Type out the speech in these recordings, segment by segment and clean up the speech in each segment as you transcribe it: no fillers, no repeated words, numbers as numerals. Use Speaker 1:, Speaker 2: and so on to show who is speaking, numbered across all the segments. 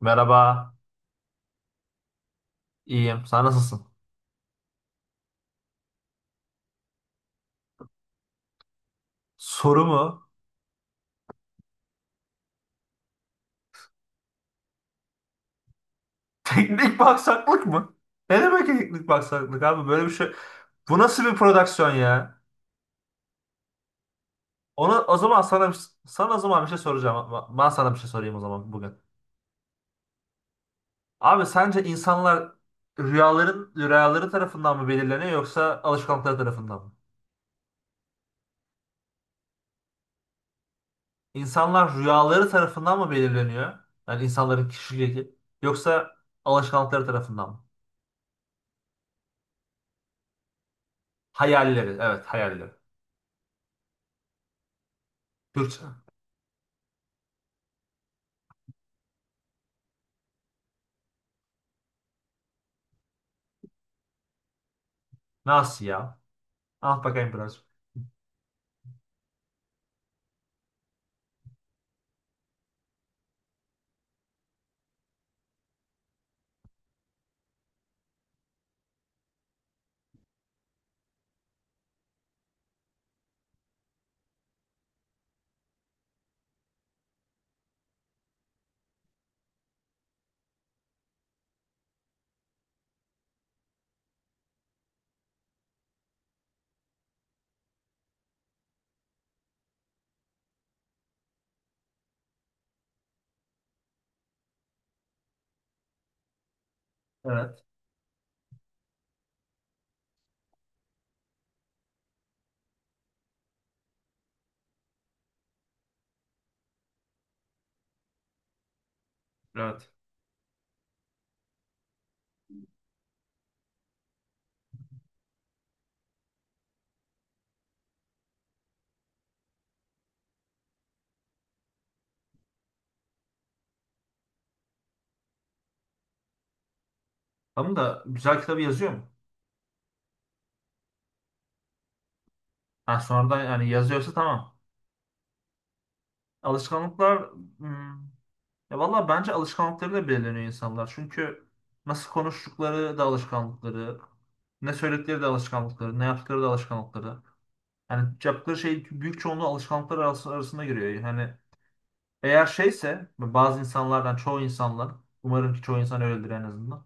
Speaker 1: Merhaba, iyiyim. Sen nasılsın? Soru mu? Teknik baksaklık mı? Ne demek teknik baksaklık abi? Böyle bir şey. Bu nasıl bir prodüksiyon ya? Onu o zaman sana o zaman bir şey soracağım. Ben sana bir şey sorayım o zaman bugün. Abi sence insanlar rüyaları tarafından mı belirleniyor yoksa alışkanlıkları tarafından mı? İnsanlar rüyaları tarafından mı belirleniyor? Yani insanların kişiliği yoksa alışkanlıkları tarafından mı? Hayalleri, evet hayalleri. Türkçe. Nasıl ya? Ah bakayım biraz. Evet. Evet. Tamam da güzel kitabı yazıyor mu? Ha sonradan yani yazıyorsa tamam. Alışkanlıklar, hmm, ya valla bence alışkanlıkları da belirleniyor insanlar. Çünkü nasıl konuştukları da alışkanlıkları, ne söyledikleri de alışkanlıkları, ne yaptıkları da alışkanlıkları. Yani yaptıkları şey büyük çoğunluğu alışkanlıklar arasında giriyor. Yani eğer şeyse bazı insanlardan çoğu insanlar umarım ki çoğu insan öyledir en azından,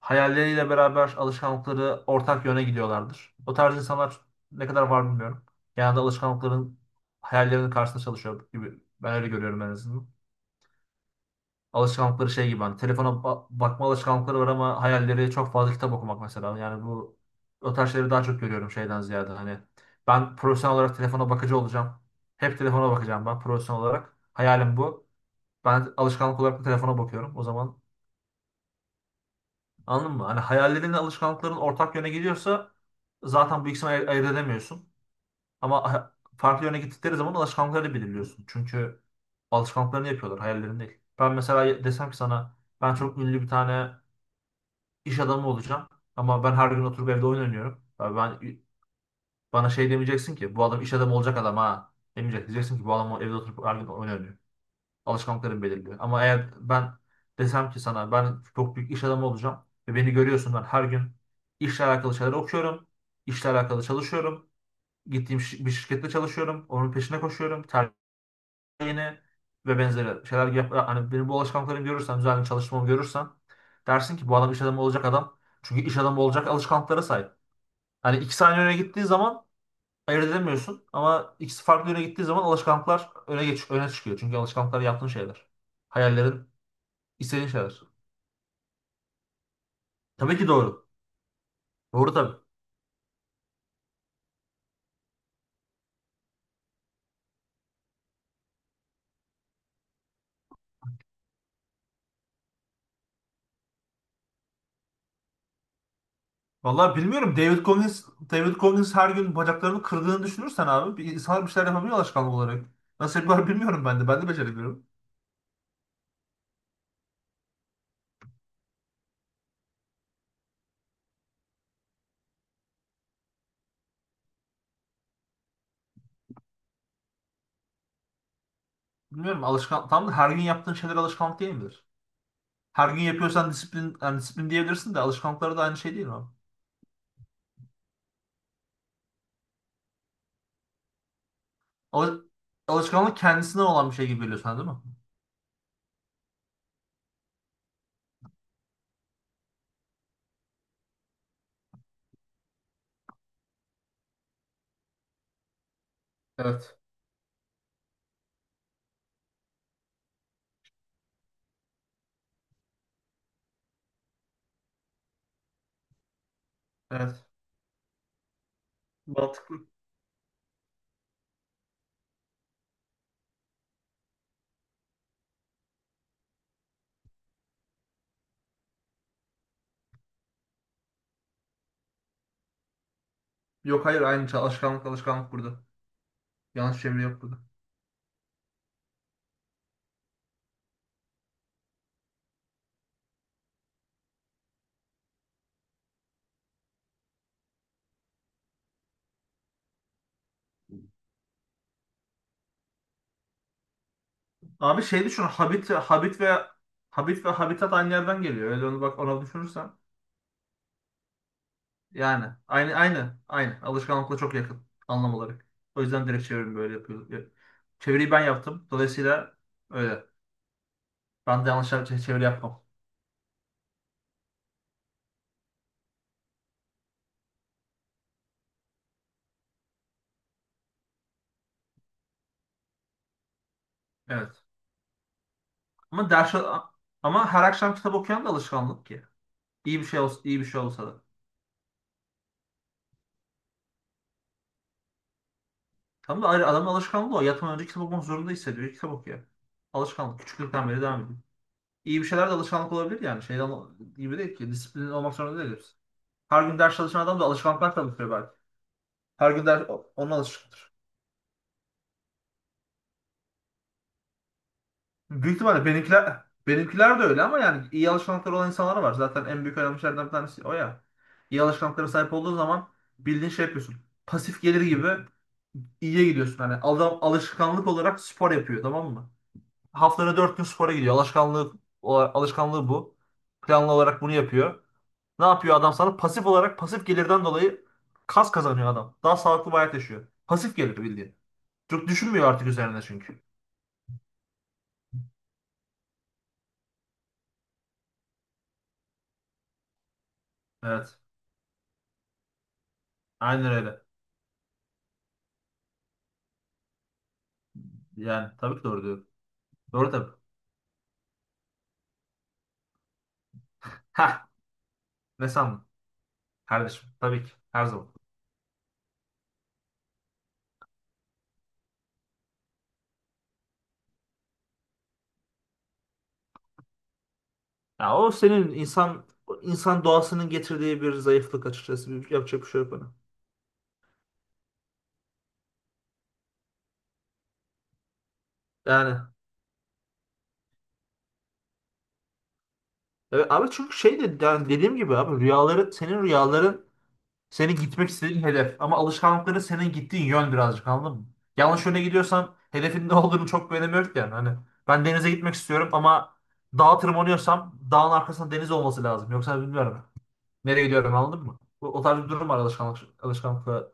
Speaker 1: hayalleriyle beraber alışkanlıkları ortak yöne gidiyorlardır. O tarz insanlar ne kadar var bilmiyorum. Genelde alışkanlıkların hayallerinin karşısında çalışıyor gibi. Ben öyle görüyorum en azından. Alışkanlıkları şey gibi, hani telefona bakma alışkanlıkları var ama hayalleri çok fazla kitap okumak mesela. Yani bu o tarz şeyleri daha çok görüyorum şeyden ziyade, hani ben profesyonel olarak telefona bakıcı olacağım. Hep telefona bakacağım ben profesyonel olarak. Hayalim bu. Ben alışkanlık olarak da telefona bakıyorum. O zaman anladın mı? Hani hayallerinle alışkanlıkların ortak yöne gidiyorsa zaten bu ikisini ayırt edemiyorsun. Ama farklı yöne gittikleri zaman alışkanlıkları belirliyorsun. Çünkü alışkanlıklarını yapıyorlar, hayallerini değil. Ben mesela desem ki sana ben çok ünlü bir tane iş adamı olacağım, ama ben her gün oturup evde oyun oynuyorum. Ya ben, bana şey demeyeceksin ki bu adam iş adamı olacak adam, ha demeyecek. Diyeceksin ki bu adam evde oturup her gün oyun oynuyor. Alışkanlıklarım belirliyor. Ama eğer ben desem ki sana ben çok büyük iş adamı olacağım ve beni görüyorsun ben her gün işle alakalı şeyler okuyorum, işle alakalı çalışıyorum. Bir şirkette çalışıyorum. Onun peşine koşuyorum. Tercihini ve benzeri şeyler yap. Hani benim bu alışkanlıklarımı görürsen, düzenli çalışmamı görürsen dersin ki bu adam iş adamı olacak adam. Çünkü iş adamı olacak alışkanlıklara sahip. Hani iki saniye öne gittiği zaman ayırt edemiyorsun ama ikisi farklı yöne gittiği zaman alışkanlıklar öne çıkıyor. Çünkü alışkanlıklar yaptığın şeyler. Hayallerin, İstediğin şeyler. Tabii ki doğru. Doğru tabii. Vallahi bilmiyorum. David Goggins, David Goggins her gün bacaklarını kırdığını düşünürsen abi, bir insanlar bir şeyler yapabiliyor alışkanlık olarak. Nasıl yapıyorlar bilmiyorum ben de. Ben de beceremiyorum. Bilmiyorum, alışkan tam da her gün yaptığın şeyler alışkanlık değil midir? Her gün yapıyorsan disiplin, yani disiplin diyebilirsin de alışkanlıkları da aynı şey değil mi abi? Al- Alışkanlık kendisine olan bir şey gibi geliyor sana değil mi? Evet. Evet. Mantıklı. Yok hayır, aynı şey. Alışkanlık, alışkanlık burada. Yanlış çeviri yok burada. Abi şey düşün, Habit ve Habit ve Habitat aynı yerden geliyor. Öyle onu, bak ona düşünürsen. Yani aynı alışkanlıkla çok yakın anlam olarak. O yüzden direkt çevirimi böyle yapıyorum. Çeviriyi ben yaptım. Dolayısıyla öyle. Ben de yanlış çeviri yapmam. Evet. Ama ders, ama her akşam kitap okuyan da alışkanlık ki. İyi bir şey olsa da. Tam da ayrı adamın alışkanlığı o. Yatmadan önce kitap okumak zorunda hissediyor. Kitap okuyor. Alışkanlık. Küçüklükten beri devam ediyor. İyi bir şeyler de alışkanlık olabilir yani. Şeyden gibi değil ki, disiplin olmak zorunda değil hepsi. Her gün ders çalışan adam da alışkanlıklar çalışıyor belki. Her gün ders onun alışıktır. Büyük ihtimalle benimkiler de öyle, ama yani iyi alışkanlıkları olan insanlar var. Zaten en büyük önemli şeylerden bir tanesi o ya. İyi alışkanlıklara sahip olduğun zaman bildiğin şey yapıyorsun. Pasif gelir gibi iyiye gidiyorsun. Hani adam alışkanlık olarak spor yapıyor, tamam mı? Haftada dört gün spora gidiyor. Alışkanlığı bu. Planlı olarak bunu yapıyor. Ne yapıyor adam sana? Pasif olarak, pasif gelirden dolayı kas kazanıyor adam. Daha sağlıklı bir hayat yaşıyor. Pasif gelir bildiğin. Çok düşünmüyor artık üzerine çünkü. Evet. Aynen öyle. Yani tabii ki doğru diyor. Doğru tabii. Ha, ne sandın? Kardeşim tabii ki. Her zaman. Ya o senin o insan doğasının getirdiği bir zayıflık açıkçası. Bir, yapacak bir şey yok ona. Yani evet, abi çünkü şey de, yani dediğim gibi abi, rüyaların senin gitmek istediğin hedef. Ama alışkanlıkları senin gittiğin yön birazcık, anladın mı? Yanlış yöne gidiyorsan hedefin ne olduğunu çok bir önemi yok yani. Hani ben denize gitmek istiyorum ama dağa tırmanıyorsam dağın arkasında deniz olması lazım. Yoksa bilmiyorum. Nereye gidiyorum, anladın mı? Bu, o tarz bir durum var alışkanlıkla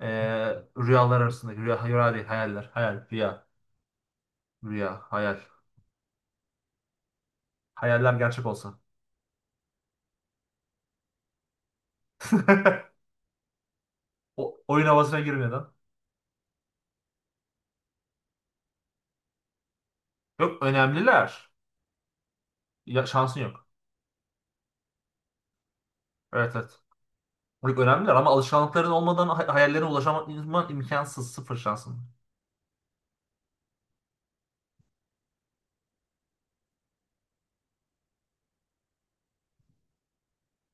Speaker 1: rüyalar arasında. Rüya, rüya değil hayaller. Hayal, rüya, rüya, hayal. Hayaller gerçek olsa. O, oyun havasına girmeden. Yok, önemliler. Ya, şansın yok. Evet, evet. Çok önemliler ama alışkanlıkların olmadan hayallerine ulaşman imkansız. Sıfır şansın.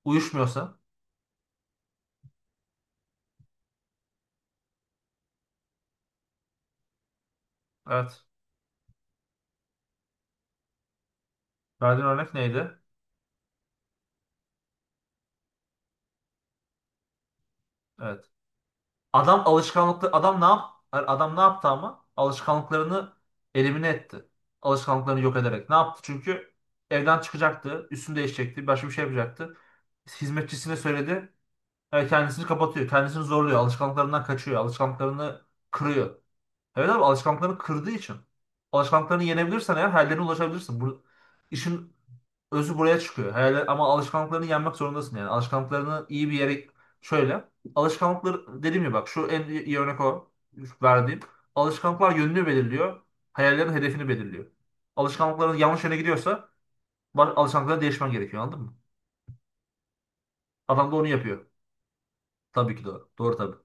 Speaker 1: Uyuşmuyorsa. Evet. Verdiğin örnek neydi? Evet. Adam alışkanlıklı adam ne yap Adam ne yaptı? Ama alışkanlıklarını elimine etti. Alışkanlıklarını yok ederek. Ne yaptı? Çünkü evden çıkacaktı, üstünü değişecekti, başka bir şey yapacaktı. Hizmetçisine söyledi. E, kendisini kapatıyor, kendisini zorluyor, alışkanlıklarından kaçıyor, alışkanlıklarını kırıyor. Evet abi, alışkanlıklarını kırdığı için. Alışkanlıklarını yenebilirsen eğer hayallerine ulaşabilirsin. Bu, işin özü buraya çıkıyor. Hayaller, ama alışkanlıklarını yenmek zorundasın yani. Alışkanlıklarını iyi bir yere, şöyle. Alışkanlıklar, dediğim gibi bak, şu en iyi örnek o verdiğim. Alışkanlıklar yönünü belirliyor. Hayallerin hedefini belirliyor. Alışkanlıkların yanlış yöne gidiyorsa alışkanlıkları değişmen gerekiyor anladın mı? Adam da onu yapıyor. Tabii ki doğru. Doğru tabii.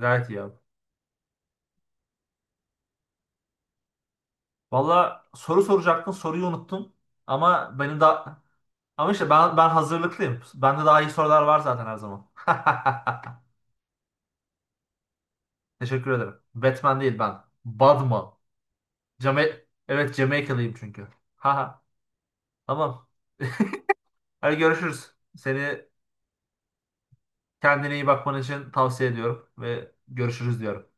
Speaker 1: Gayet iyi abi. Valla soru soracaktın, soruyu unuttum. Ama benim daha, ama işte ben hazırlıklıyım. Bende daha iyi sorular var zaten her zaman. Teşekkür ederim. Batman değil ben. Batman. Jama evet, Jamaikalıyım çünkü. Haha. Tamam. Hadi görüşürüz. Seni kendine iyi bakman için tavsiye ediyorum ve görüşürüz diyorum.